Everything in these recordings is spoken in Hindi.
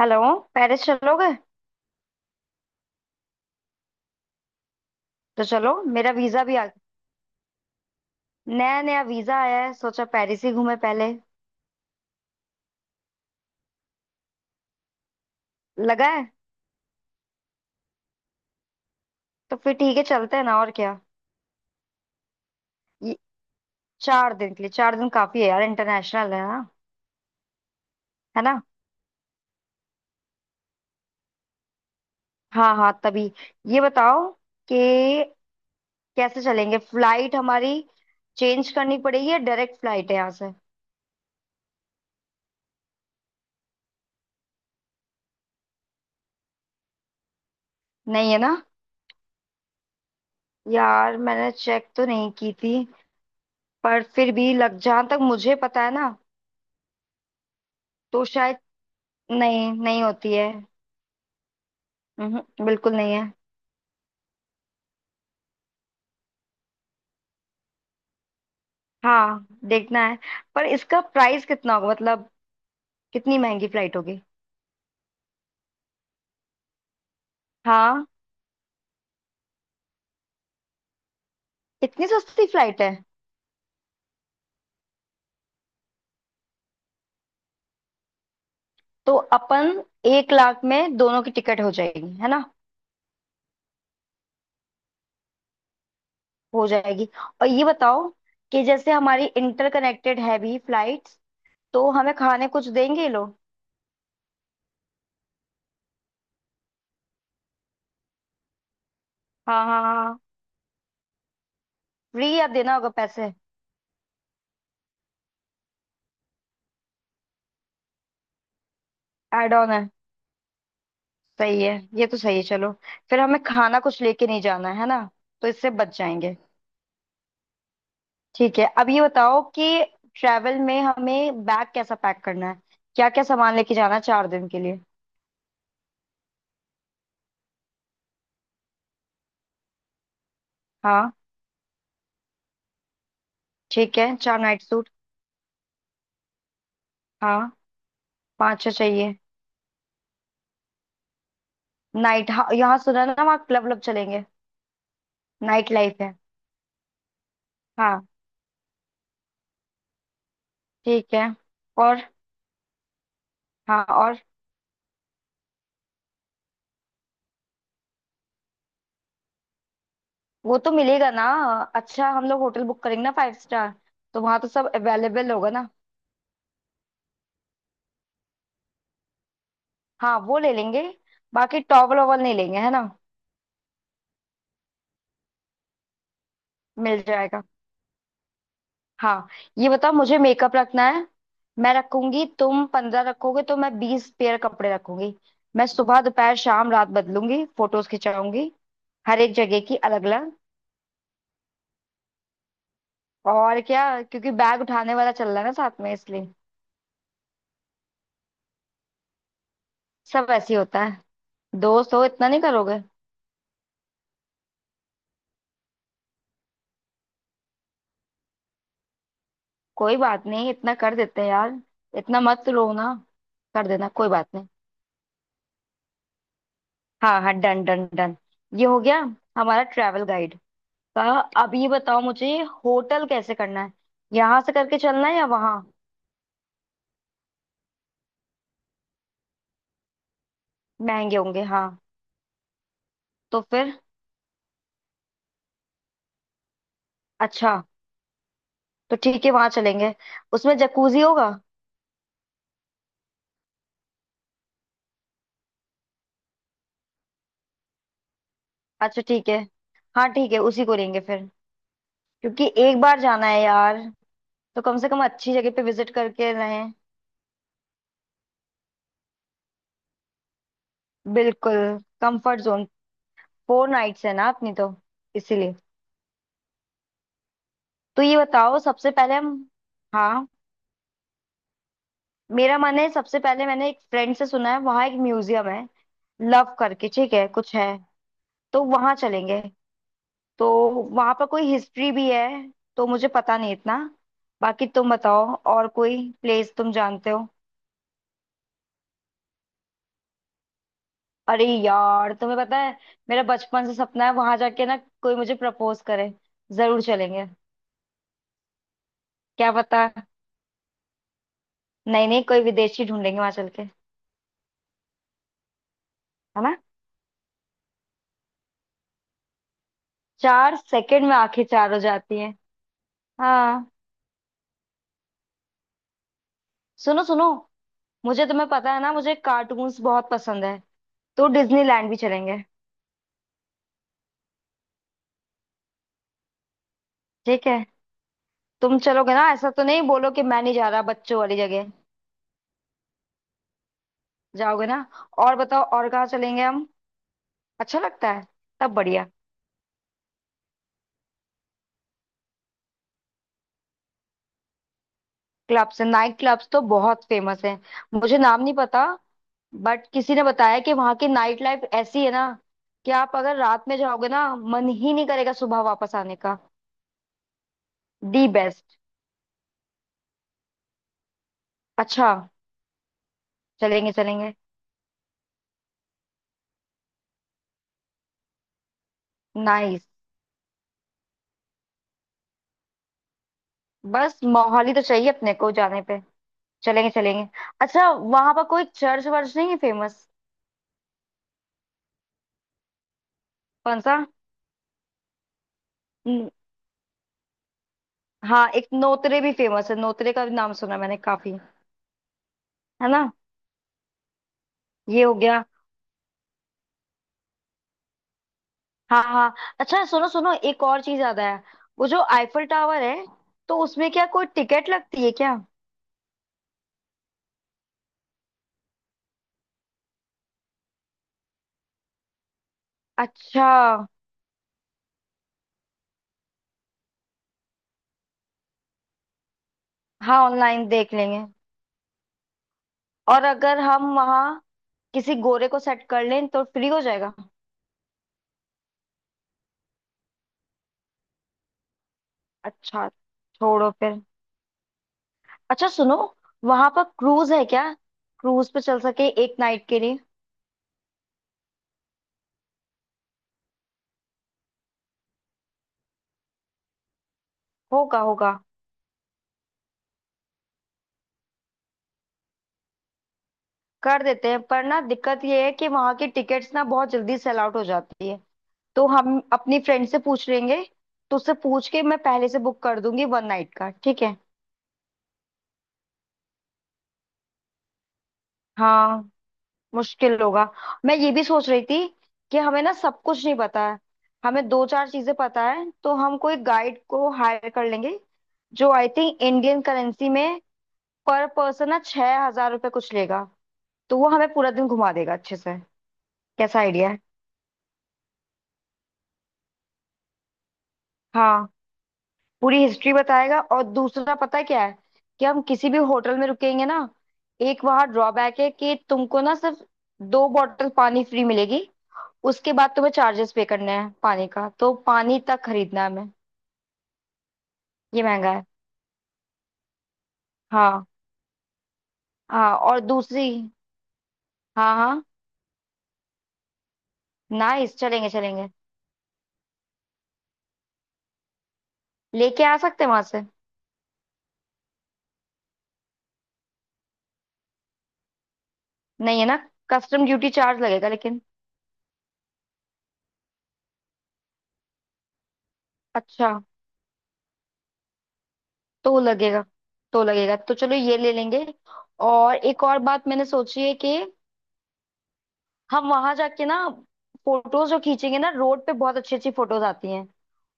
हेलो। पेरिस चलोगे? तो चलो, मेरा वीजा भी आ गया। नया नया वीजा आया है, सोचा पेरिस ही घूमे पहले। लगा है? तो फिर ठीक है, चलते हैं ना, और क्या। ये 4 दिन के लिए, 4 दिन काफी है यार, इंटरनेशनल है ना। है ना? हाँ हाँ, तभी ये बताओ कि कैसे चलेंगे, फ्लाइट हमारी चेंज करनी पड़ेगी या डायरेक्ट फ्लाइट है यहाँ से? नहीं है ना। यार मैंने चेक तो नहीं की थी, पर फिर भी लग, जहाँ तक मुझे पता है ना, तो शायद नहीं, नहीं होती है। बिल्कुल नहीं है। हाँ देखना है, पर इसका प्राइस कितना होगा, मतलब कितनी महंगी फ्लाइट होगी। हाँ, इतनी सस्ती फ्लाइट है? तो अपन 1 लाख में दोनों की टिकट हो जाएगी है ना। हो जाएगी। और ये बताओ कि जैसे हमारी इंटरकनेक्टेड है भी फ्लाइट्स, तो हमें खाने कुछ देंगे ये लोग? हाँ हाँ हाँ। फ्री आप देना होगा पैसे? एड ऑन है। सही है। ये तो सही है, चलो। फिर हमें खाना कुछ लेके नहीं जाना है ना। तो इससे बच जाएंगे। ठीक है, अब ये बताओ कि ट्रैवल में हमें बैग कैसा पैक करना है, क्या क्या सामान लेके जाना है 4 दिन के लिए। हाँ ठीक है, 4 नाइट सूट। हाँ, पाँच छह चाहिए। नाइट हाँ, यहाँ सुना है ना, वहाँ क्लब क्लब चलेंगे। नाइट लाइफ है। हाँ। ठीक है। और हाँ। और वो तो मिलेगा ना। अच्छा हम लोग होटल बुक करेंगे ना, फाइव स्टार, तो वहाँ तो सब अवेलेबल होगा ना। हाँ वो ले लेंगे। बाकी टॉवल ओवल नहीं लेंगे, है ना। मिल जाएगा। हाँ। ये बताओ मुझे, मेकअप रखना है। मैं रखूंगी, तुम 15 रखोगे तो मैं 20 पेयर कपड़े रखूंगी। मैं सुबह दोपहर शाम रात बदलूंगी, फोटोज खिंचाऊंगी हर एक जगह की अलग अलग। और क्या, क्योंकि बैग उठाने वाला चल रहा है ना साथ में, इसलिए। सब ऐसे ही होता है, दोस्त हो इतना नहीं करोगे? कोई बात नहीं, इतना कर देते हैं यार। इतना मत रो ना। कर देना, कोई बात नहीं। हाँ हाँ, डन डन डन। ये हो गया हमारा ट्रैवल गाइड। तो अब ये बताओ मुझे, होटल कैसे करना है, यहाँ से करके चलना है या वहाँ? महंगे होंगे, हाँ। तो फिर? अच्छा। तो ठीक है, वहाँ चलेंगे। उसमें जकूजी होगा? अच्छा ठीक है। हाँ ठीक है, उसी को लेंगे फिर। क्योंकि एक बार जाना है यार, तो कम से कम अच्छी जगह पे विजिट करके रहें। बिल्कुल। Comfort zone. 4 नाइट्स है ना अपनी तो, इसीलिए। तो ये बताओ सबसे पहले हम। हाँ, मेरा मन है, सबसे पहले मैंने एक फ्रेंड से सुना है वहाँ एक म्यूजियम है, लव करके ठीक है कुछ है, तो वहां चलेंगे। तो वहां पर कोई हिस्ट्री भी है, तो मुझे पता नहीं इतना, बाकी तुम बताओ। और कोई प्लेस तुम जानते हो? अरे यार तुम्हें पता है, मेरा बचपन से सपना है, वहां जाके ना कोई मुझे प्रपोज करे, जरूर चलेंगे। क्या पता। नहीं नहीं, कोई विदेशी ढूंढेंगे वहां चल के। है ना। 4 सेकंड में आंखें चार हो जाती हैं। हाँ। सुनो सुनो, मुझे तुम्हें पता है ना, मुझे कार्टून्स बहुत पसंद है, तो डिज्नीलैंड भी चलेंगे। ठीक है। तुम चलोगे ना, ऐसा तो नहीं बोलो कि मैं नहीं जा रहा बच्चों वाली जगह। जाओगे ना? और बताओ, और कहाँ चलेंगे हम? अच्छा लगता है, तब बढ़िया। क्लब्स है, नाइट क्लब्स तो बहुत फेमस है। मुझे नाम नहीं पता, बट किसी ने बताया कि वहाँ की नाइट लाइफ ऐसी है ना, कि आप अगर रात में जाओगे ना, मन ही नहीं करेगा सुबह वापस आने का। The best. अच्छा। चलेंगे चलेंगे। नाइस। बस मोहाली तो चाहिए अपने को जाने पे। चलेंगे चलेंगे। अच्छा, वहां पर कोई चर्च वर्च नहीं है फेमस? कौन सा? हाँ, एक नोतरे भी फेमस है, नोतरे का भी नाम सुना मैंने काफी। है ना। ये हो गया। हाँ हाँ। अच्छा सुनो सुनो, एक और चीज याद आया। वो जो आईफल टावर है, तो उसमें क्या कोई टिकट लगती है क्या? अच्छा। हाँ, ऑनलाइन देख लेंगे। और अगर हम वहाँ किसी गोरे को सेट कर लें तो फ्री हो जाएगा। अच्छा। छोड़ो फिर। अच्छा सुनो, वहां पर क्रूज है क्या? क्रूज पे चल सके एक नाइट के लिए? होगा होगा, कर देते हैं, पर ना दिक्कत ये है कि वहां की टिकट्स ना बहुत जल्दी सेल आउट हो जाती है। तो हम अपनी फ्रेंड से पूछ लेंगे, तो उससे पूछ के मैं पहले से बुक कर दूंगी 1 नाइट का, ठीक है? हाँ। मुश्किल होगा। मैं ये भी सोच रही थी कि हमें ना सब कुछ नहीं पता है, हमें दो चार चीजें पता है, तो हम कोई गाइड को हायर कर लेंगे, जो आई थिंक इंडियन करेंसी में पर पर्सन ना 6,000 रुपये कुछ लेगा, तो वो हमें पूरा दिन घुमा देगा अच्छे से। कैसा आइडिया है? हाँ, पूरी हिस्ट्री बताएगा। और दूसरा पता है क्या है कि हम किसी भी होटल में रुकेंगे ना, एक वहाँ ड्रॉबैक है कि तुमको ना सिर्फ 2 बॉटल पानी फ्री मिलेगी, उसके बाद तुम्हें चार्जेस पे करने हैं पानी का, तो पानी तक खरीदना है हमें। ये महंगा है। हाँ हाँ। और दूसरी, हाँ हाँ। नाइस, चलेंगे चलेंगे। लेके आ सकते हैं वहां से? नहीं, है ना? कस्टम ड्यूटी चार्ज लगेगा लेकिन। अच्छा। तो लगेगा। तो लगेगा, तो चलो, ये ले लेंगे। और एक और बात मैंने सोची है कि हम वहां जाके ना फोटोज जो खींचेंगे ना, रोड पे बहुत अच्छी अच्छी फोटोज आती हैं,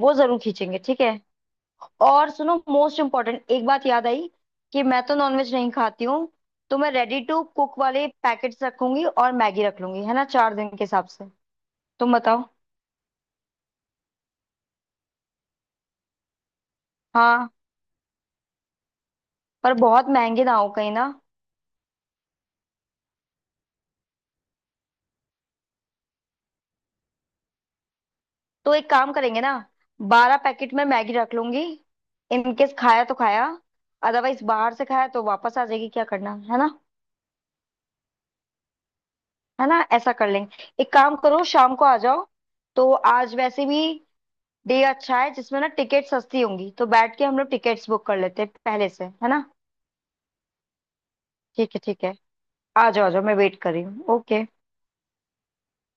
वो जरूर खींचेंगे, ठीक है। और सुनो, मोस्ट इम्पोर्टेंट एक बात याद आई कि मैं तो नॉनवेज नहीं खाती हूँ, तो मैं रेडी टू कुक वाले पैकेट्स रखूंगी और मैगी रख लूंगी, है ना, 4 दिन के हिसाब से। तुम बताओ। हाँ। पर बहुत महंगे ना हो कहीं ना। तो एक काम करेंगे ना, 12 पैकेट में मैगी रख लूंगी, इनकेस खाया तो खाया, अदरवाइज बाहर से खाया तो वापस आ जाएगी, क्या करना है ना। है ना, ऐसा कर लेंगे। एक काम करो, शाम को आ जाओ। तो आज वैसे भी डे अच्छा है जिसमें ना टिकट सस्ती होंगी, तो बैठ के हम लोग टिकट्स बुक कर लेते हैं पहले से, है ना। ठीक है ठीक है। आ जाओ आ जाओ, मैं वेट कर रही हूँ, ओके।